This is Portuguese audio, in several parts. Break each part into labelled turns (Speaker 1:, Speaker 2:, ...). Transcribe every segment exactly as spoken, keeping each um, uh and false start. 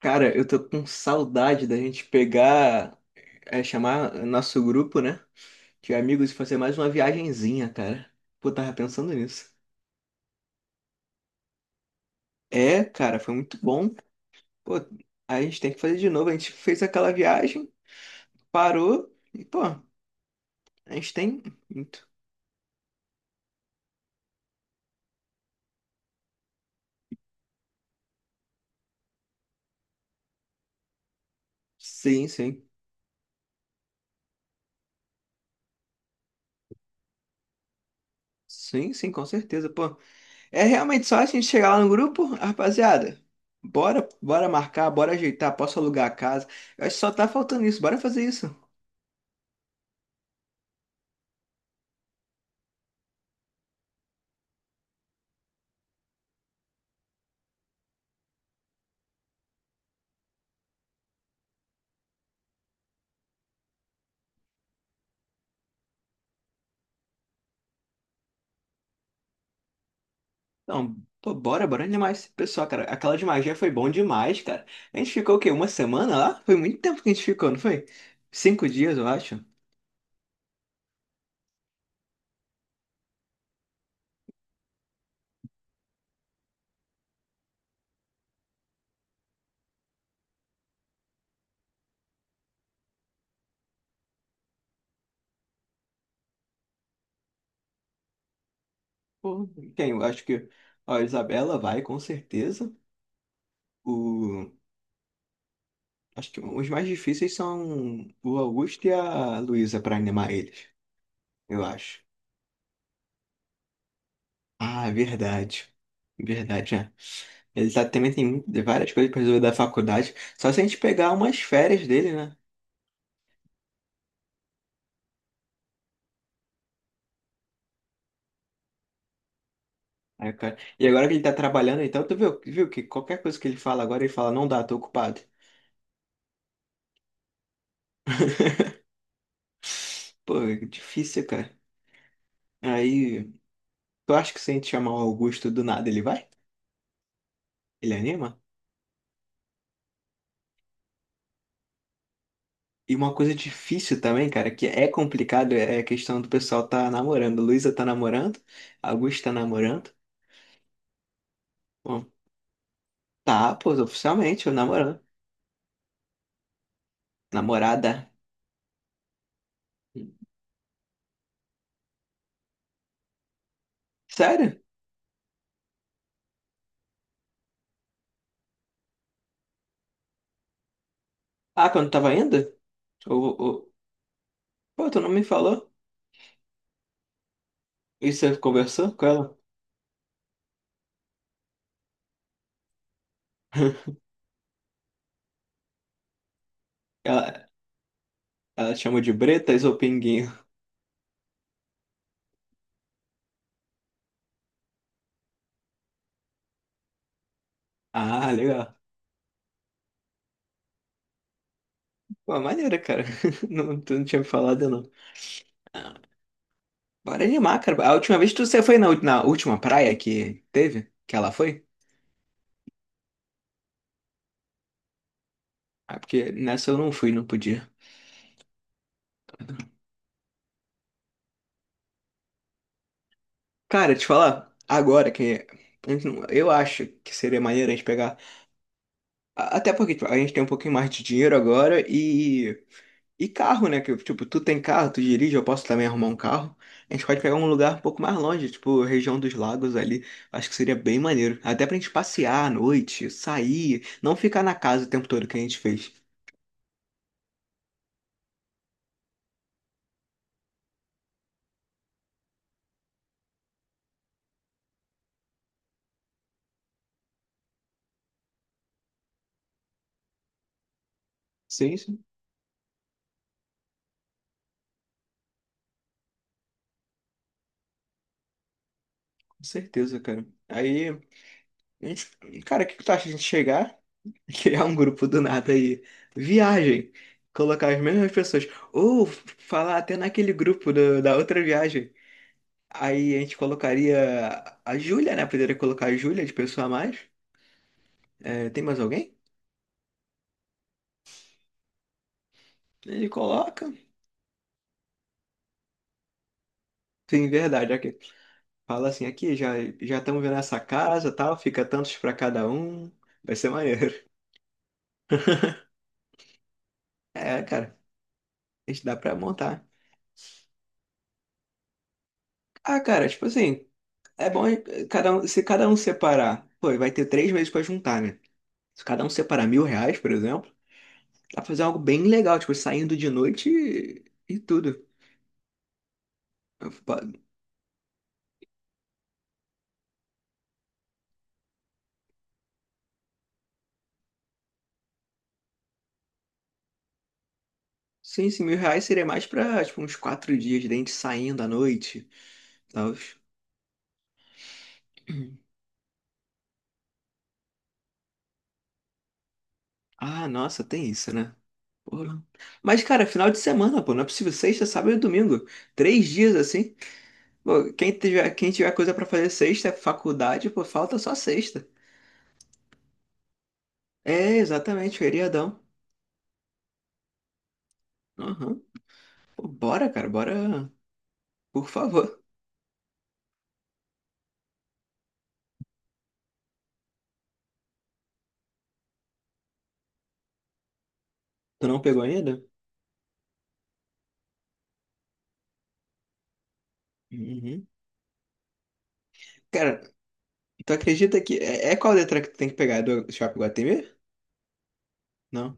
Speaker 1: Cara, eu tô com saudade da gente pegar, é, chamar nosso grupo, né? De amigos e fazer mais uma viagenzinha, cara. Pô, tava pensando nisso. É, cara, foi muito bom. Pô, a gente tem que fazer de novo. A gente fez aquela viagem, parou e, pô, a gente tem muito. Sim, sim. Sim, sim, com certeza, pô. É realmente só a gente chegar lá no grupo, rapaziada. Bora, bora marcar, bora ajeitar, posso alugar a casa. Eu acho que só tá faltando isso. Bora fazer isso. Não, pô, bora, bora demais. Pessoal, cara, aquela de magia foi bom demais, cara. A gente ficou o quê? Uma semana lá? Foi muito tempo que a gente ficou, não foi? Cinco dias, eu acho. Pô, quem? Eu acho que ó, a Isabela vai, com certeza. O... Acho que os mais difíceis são o Augusto e a Luísa pra animar eles, eu acho. Ah, é verdade. Verdade, é. Ele tá, também tem várias coisas pra resolver da faculdade. Só se a gente pegar umas férias dele, né? É, cara. E agora que ele tá trabalhando, então, tu viu, viu que qualquer coisa que ele fala agora, ele fala, não dá, tô ocupado. Pô, é difícil, cara. Aí, tu acha que se a gente chamar o Augusto do nada, ele vai? Ele anima? E uma coisa difícil também, cara, que é complicado, é a questão do pessoal tá namorando. Luísa tá namorando, Augusto tá namorando. Bom, tá, pô, oficialmente, eu namorando. Namorada. Sério? Ah, quando tava indo? Ou, ou... Pô, tu não me falou? E você conversou com ela? Ela, Ela chama de Bretas ou Pinguinho? Ah, legal. Pô, maneira, cara. Não, tu não tinha me falado, não. Bora animar, cara. A última vez que você foi na, na última praia que teve, que ela foi? Ah, porque nessa eu não fui, não podia. Cara, te falar, agora que a gente não- eu acho que seria maneiro a gente pegar. a- Até porque tipo, a gente tem um pouquinho mais de dinheiro agora e E carro, né? Que, tipo, tu tem carro, tu dirige, eu posso também arrumar um carro. A gente pode pegar um lugar um pouco mais longe, tipo, região dos lagos ali. Acho que seria bem maneiro. Até pra gente passear à noite, sair, não ficar na casa o tempo todo que a gente fez. Sim, sim, com certeza, cara. Aí, a gente- cara, o que que tu acha de a gente chegar, criar um grupo do nada aí? Viagem. Colocar as mesmas pessoas. Ou falar até naquele grupo do- da outra viagem. Aí a gente colocaria a Júlia, né? Poderia colocar a Júlia de pessoa a mais. É, tem mais alguém? Ele coloca. Sim, verdade. Aqui. Fala assim, aqui já já estamos vendo essa casa, tal, fica tantos pra cada um. Vai ser maneiro. É, cara, a gente dá pra montar. Ah, cara, tipo assim, é bom eh, cada um, se cada um separar, pô, vai ter três meses pra juntar, né? Se cada um separar mil reais, por exemplo, dá pra fazer algo bem legal, tipo, saindo de noite e, e tudo. Sim, sim, mil reais seria mais pra, tipo, uns quatro dias, dente saindo à noite, tal. Ah, nossa, tem isso, né? Porra. Mas, cara, final de semana, pô, não é possível sexta, sábado e domingo. Três dias assim. Pô, quem tiver, quem tiver coisa pra fazer sexta, é faculdade, pô, falta só sexta. É, exatamente, feriadão. Aham. Pô, bora, cara, bora. Por favor. Tu não pegou ainda? Uhum. Cara, tu acredita que. É, é qual letra que tu tem que pegar? É do Shopping Guatemi? Não?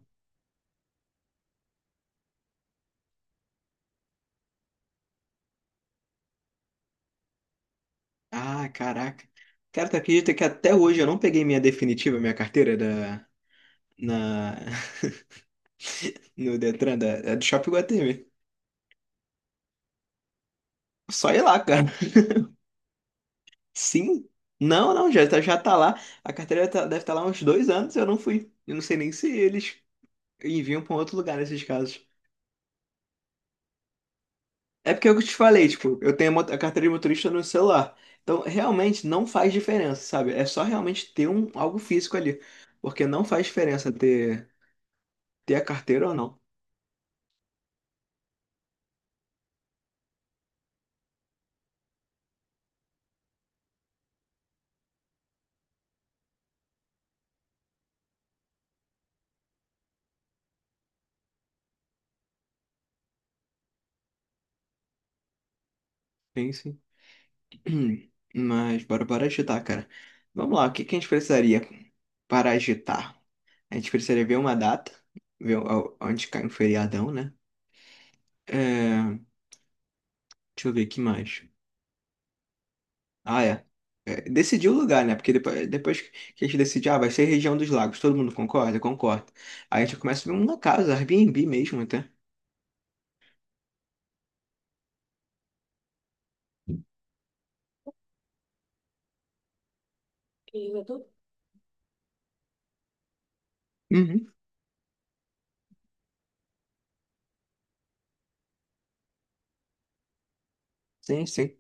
Speaker 1: Ah, caraca. Cara, tu acredita que até hoje eu não peguei minha definitiva, minha carteira da, na, no Detran, da, da- do Shopping Guatemi. Só ir lá, cara. Sim? Não, não, já, tá- já tá lá. A carteira tá- deve estar lá há uns dois anos, eu não fui. Eu não sei nem se eles enviam pra um outro lugar nesses casos. É porque eu te falei, tipo, eu tenho a mo- a carteira de motorista no celular. Então, realmente não faz diferença, sabe? É só realmente ter um, algo físico ali. Porque não faz diferença ter, ter a carteira ou não. Sim, sim. Mas bora, bora agitar, cara. Vamos lá, o que que a gente precisaria para agitar? A gente precisaria ver uma data, ver o- onde cai um feriadão, né? É, deixa eu ver o que mais. Ah, é. É, decidir o lugar, né? Porque depois, depois que a gente decide, ah, vai ser região dos lagos, todo mundo concorda? Concorda. Aí a gente começa a ver uma casa, Airbnb mesmo até. Uhum. Sim, sim.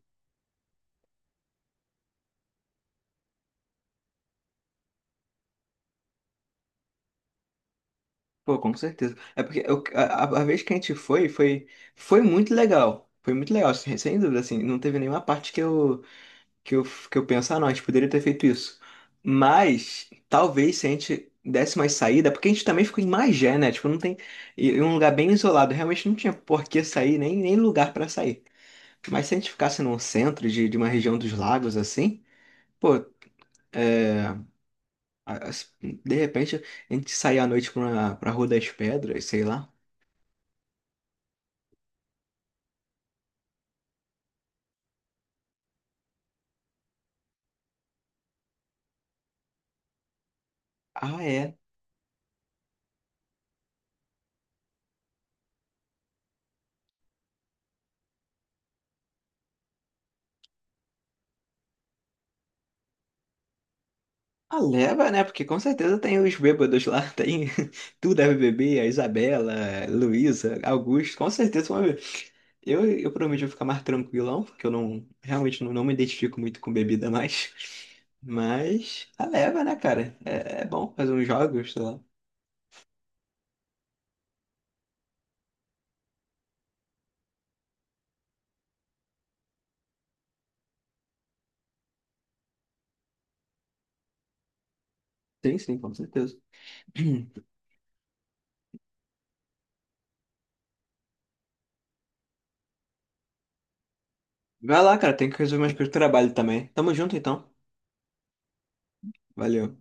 Speaker 1: Pô, com certeza. É porque eu- a, a- a vez que a gente foi, foi, foi, muito legal. Foi muito legal, sem, sem dúvida, assim. Não teve nenhuma parte que eu, que eu, que eu penso, ah, não, a gente poderia ter feito isso. Mas, talvez, se a gente desse mais saída, porque a gente também ficou em Magé, né? Tipo, não tem... Em em um lugar bem isolado. Realmente não tinha por que sair, nem, nem lugar pra sair. Mas se a gente ficasse num centro de, de uma região dos lagos, assim, pô, é, a- a- de repente a gente sair à noite pra, uma- pra Rua das Pedras, sei lá. Ah, é. Ah, leva, né? Porque com certeza tem os bêbados lá, tem tu deve beber, a Isabela, Luísa, Augusto, com certeza vão beber. Eu, eu prometo ficar mais tranquilão, porque eu não realmente não, não me identifico muito com bebida mais. Mas a leva, né, cara? É, é bom fazer uns jogos, sei lá. Sim, sim, com certeza. Vai lá, cara, tem que resolver umas coisas do trabalho também. Tamo junto então. Valeu.